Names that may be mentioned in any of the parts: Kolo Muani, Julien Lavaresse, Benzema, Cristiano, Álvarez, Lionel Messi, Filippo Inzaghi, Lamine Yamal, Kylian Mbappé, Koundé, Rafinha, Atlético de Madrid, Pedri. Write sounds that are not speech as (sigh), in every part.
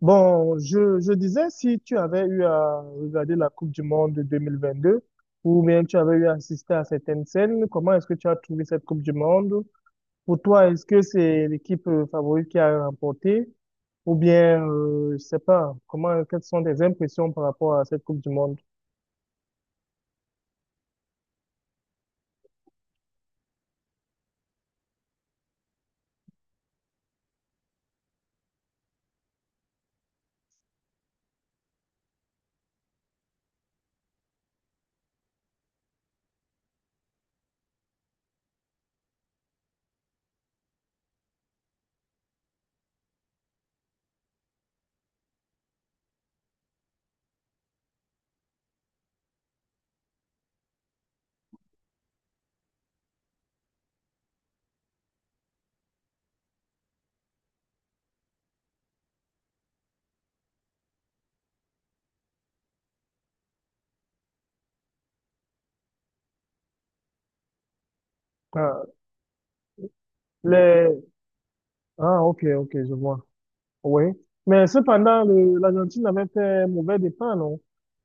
Bon, je disais, si tu avais eu à regarder la Coupe du Monde de 2022, ou bien tu avais eu à assister à certaines scènes, comment est-ce que tu as trouvé cette Coupe du Monde? Pour toi, est-ce que c'est l'équipe favorite qui a remporté? Ou bien, je sais pas, comment, quelles sont tes impressions par rapport à cette Coupe du Monde? Ah, les... ah ok, ok, je vois. Oui. Mais cependant, l'Argentine avait fait mauvais départ, non?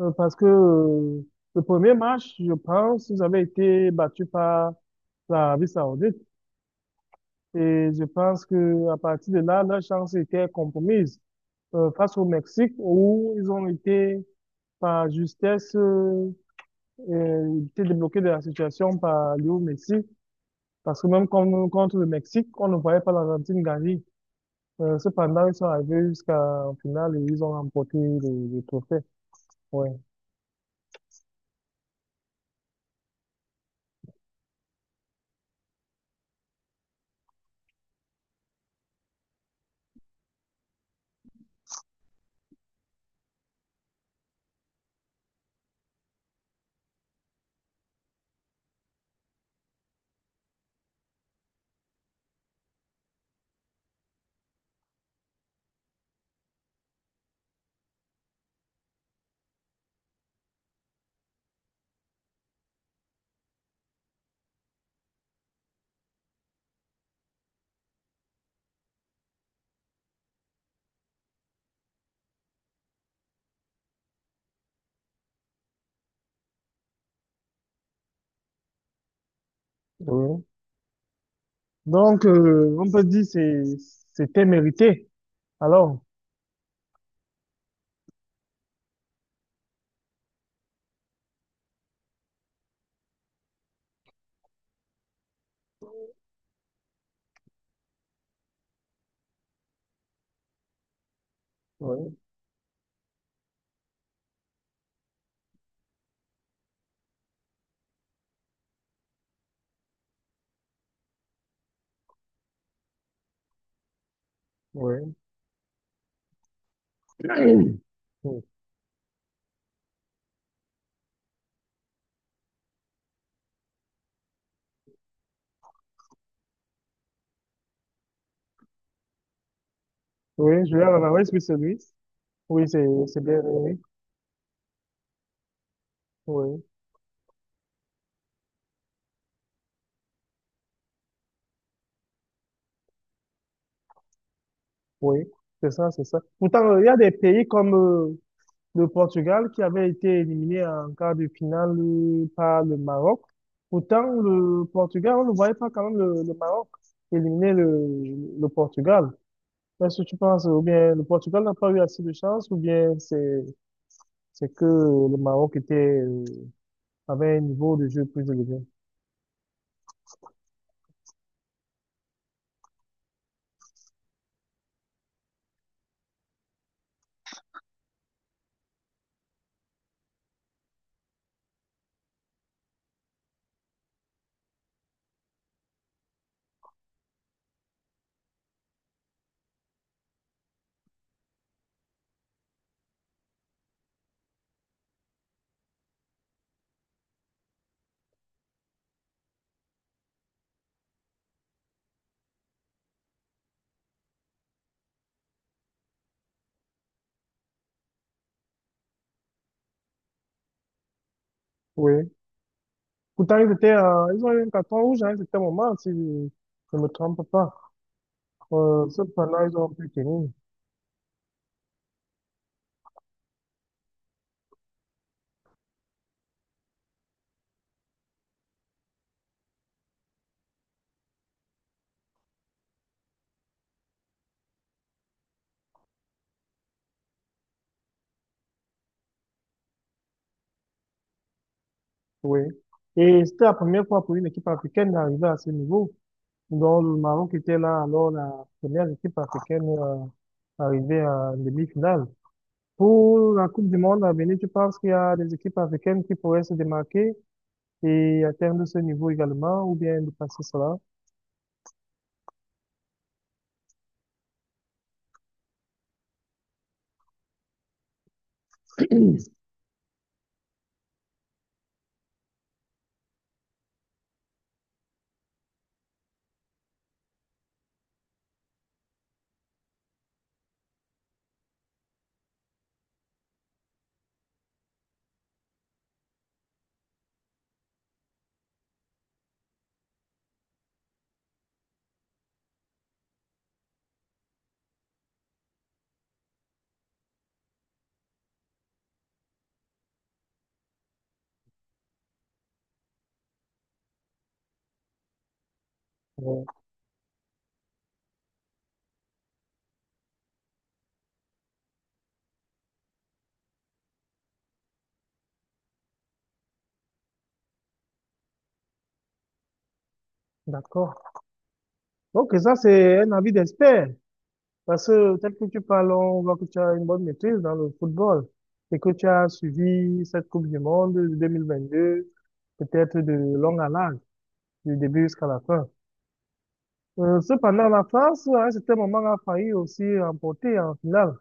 Parce que le premier match, je pense, ils avaient été battus par l'Arabie Saoudite. Et je pense que à partir de là, leur chance était compromise face au Mexique, où ils ont été par justesse été débloqués de la situation par Léo Messi. Parce que même contre le Mexique, on ne voyait pas l'Argentine gagner. Cependant, ils sont arrivés jusqu'en finale et ils ont remporté le trophée. Ouais. Oui, donc, on peut dire c'était mérité. Alors, oui, oui. (clears throat) Oui, oui, Julien Lavaresse, oui, c'est lui. Oui, c'est bien lui. Oui, oui, c'est ça, c'est ça. Pourtant, il y a des pays comme le Portugal qui avait été éliminé en quart de finale par le Maroc. Pourtant, le Portugal, on ne voyait pas quand même le Maroc éliminer le Portugal. Est-ce que tu penses, ou bien le Portugal n'a pas eu assez de chance, ou bien c'est que le Maroc était, euh, avait un niveau de jeu plus élevé? Oui. Pourtant, ils étaient, ils ont eu un carton rouge à un certain moment, si je ne me trompe pas. Cependant, ils ont pu tenir. Oui. Et c'était la première fois pour une équipe africaine d'arriver à ce niveau. Donc, le Maroc était là, alors la première équipe africaine arrivée à demi-finale. Pour la Coupe du Monde à venir, tu penses qu'il y a des équipes africaines qui pourraient se démarquer et atteindre ce niveau également, ou bien dépasser cela? (clears throat) Ouais, d'accord. Donc, ça, c'est un avis d'expert. Parce que, tel que tu parles, on voit que tu as une bonne maîtrise dans le football et que tu as suivi cette Coupe du Monde de 2022, peut-être de long à large, du début jusqu'à la fin. Cependant, la France, à un certain moment, a failli aussi remporter en finale,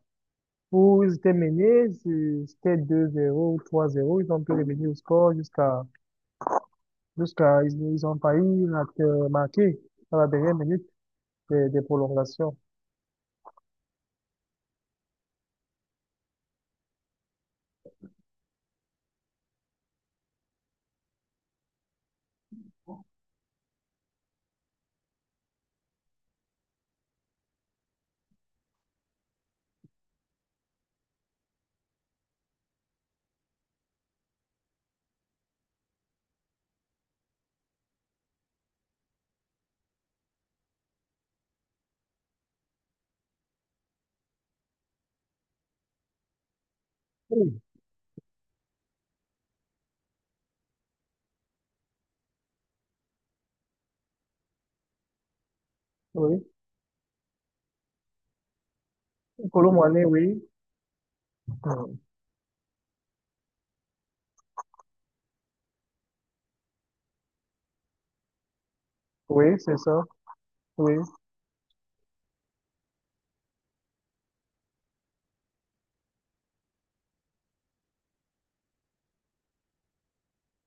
où ils étaient menés, c'était deux zéro ou trois zéro, ils ont pu revenir au score jusqu'à, jusqu'à, ils ont failli marquer à la dernière minute des prolongations. Oui, oui. Kolo Muani, oui. Mm. Oui, c'est ça. Oui,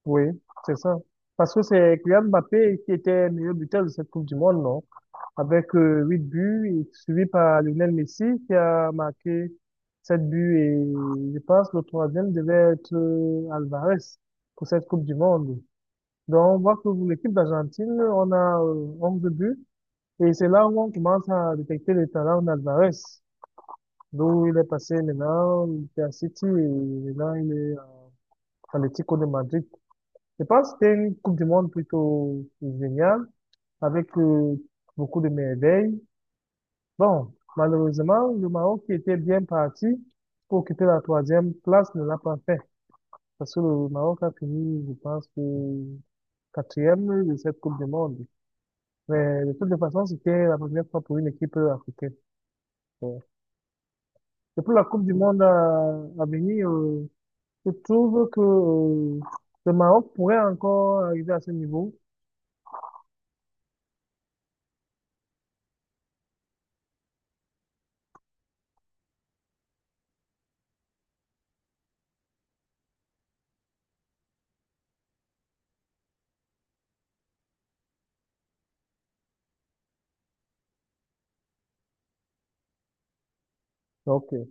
oui, c'est ça. Parce que c'est Kylian Mbappé qui était meilleur buteur de cette Coupe du Monde, non? Avec 8 buts, et suivi par Lionel Messi qui a marqué 7 buts, et je pense le troisième devait être Alvarez pour cette Coupe du Monde. Donc on voit que pour l'équipe d'Argentine, on a 11 buts, et c'est là où on commence à détecter le talent d'Alvarez. D'où il est passé maintenant, il était à City et maintenant il est à Atlético de Madrid. Je pense que c'était une Coupe du Monde plutôt géniale avec beaucoup de merveilles. Bon, malheureusement, le Maroc qui était bien parti pour occuper la troisième place ne l'a pas fait. Parce que le Maroc a fini, je pense, que quatrième de cette Coupe du Monde. Mais de toute façon, c'était la première fois pour une équipe africaine. Donc, et pour la Coupe du Monde à venir, je trouve que le Maroc pourrait encore arriver à ce niveau. Donc,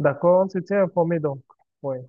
d'accord, on s'était informé donc. Ouais.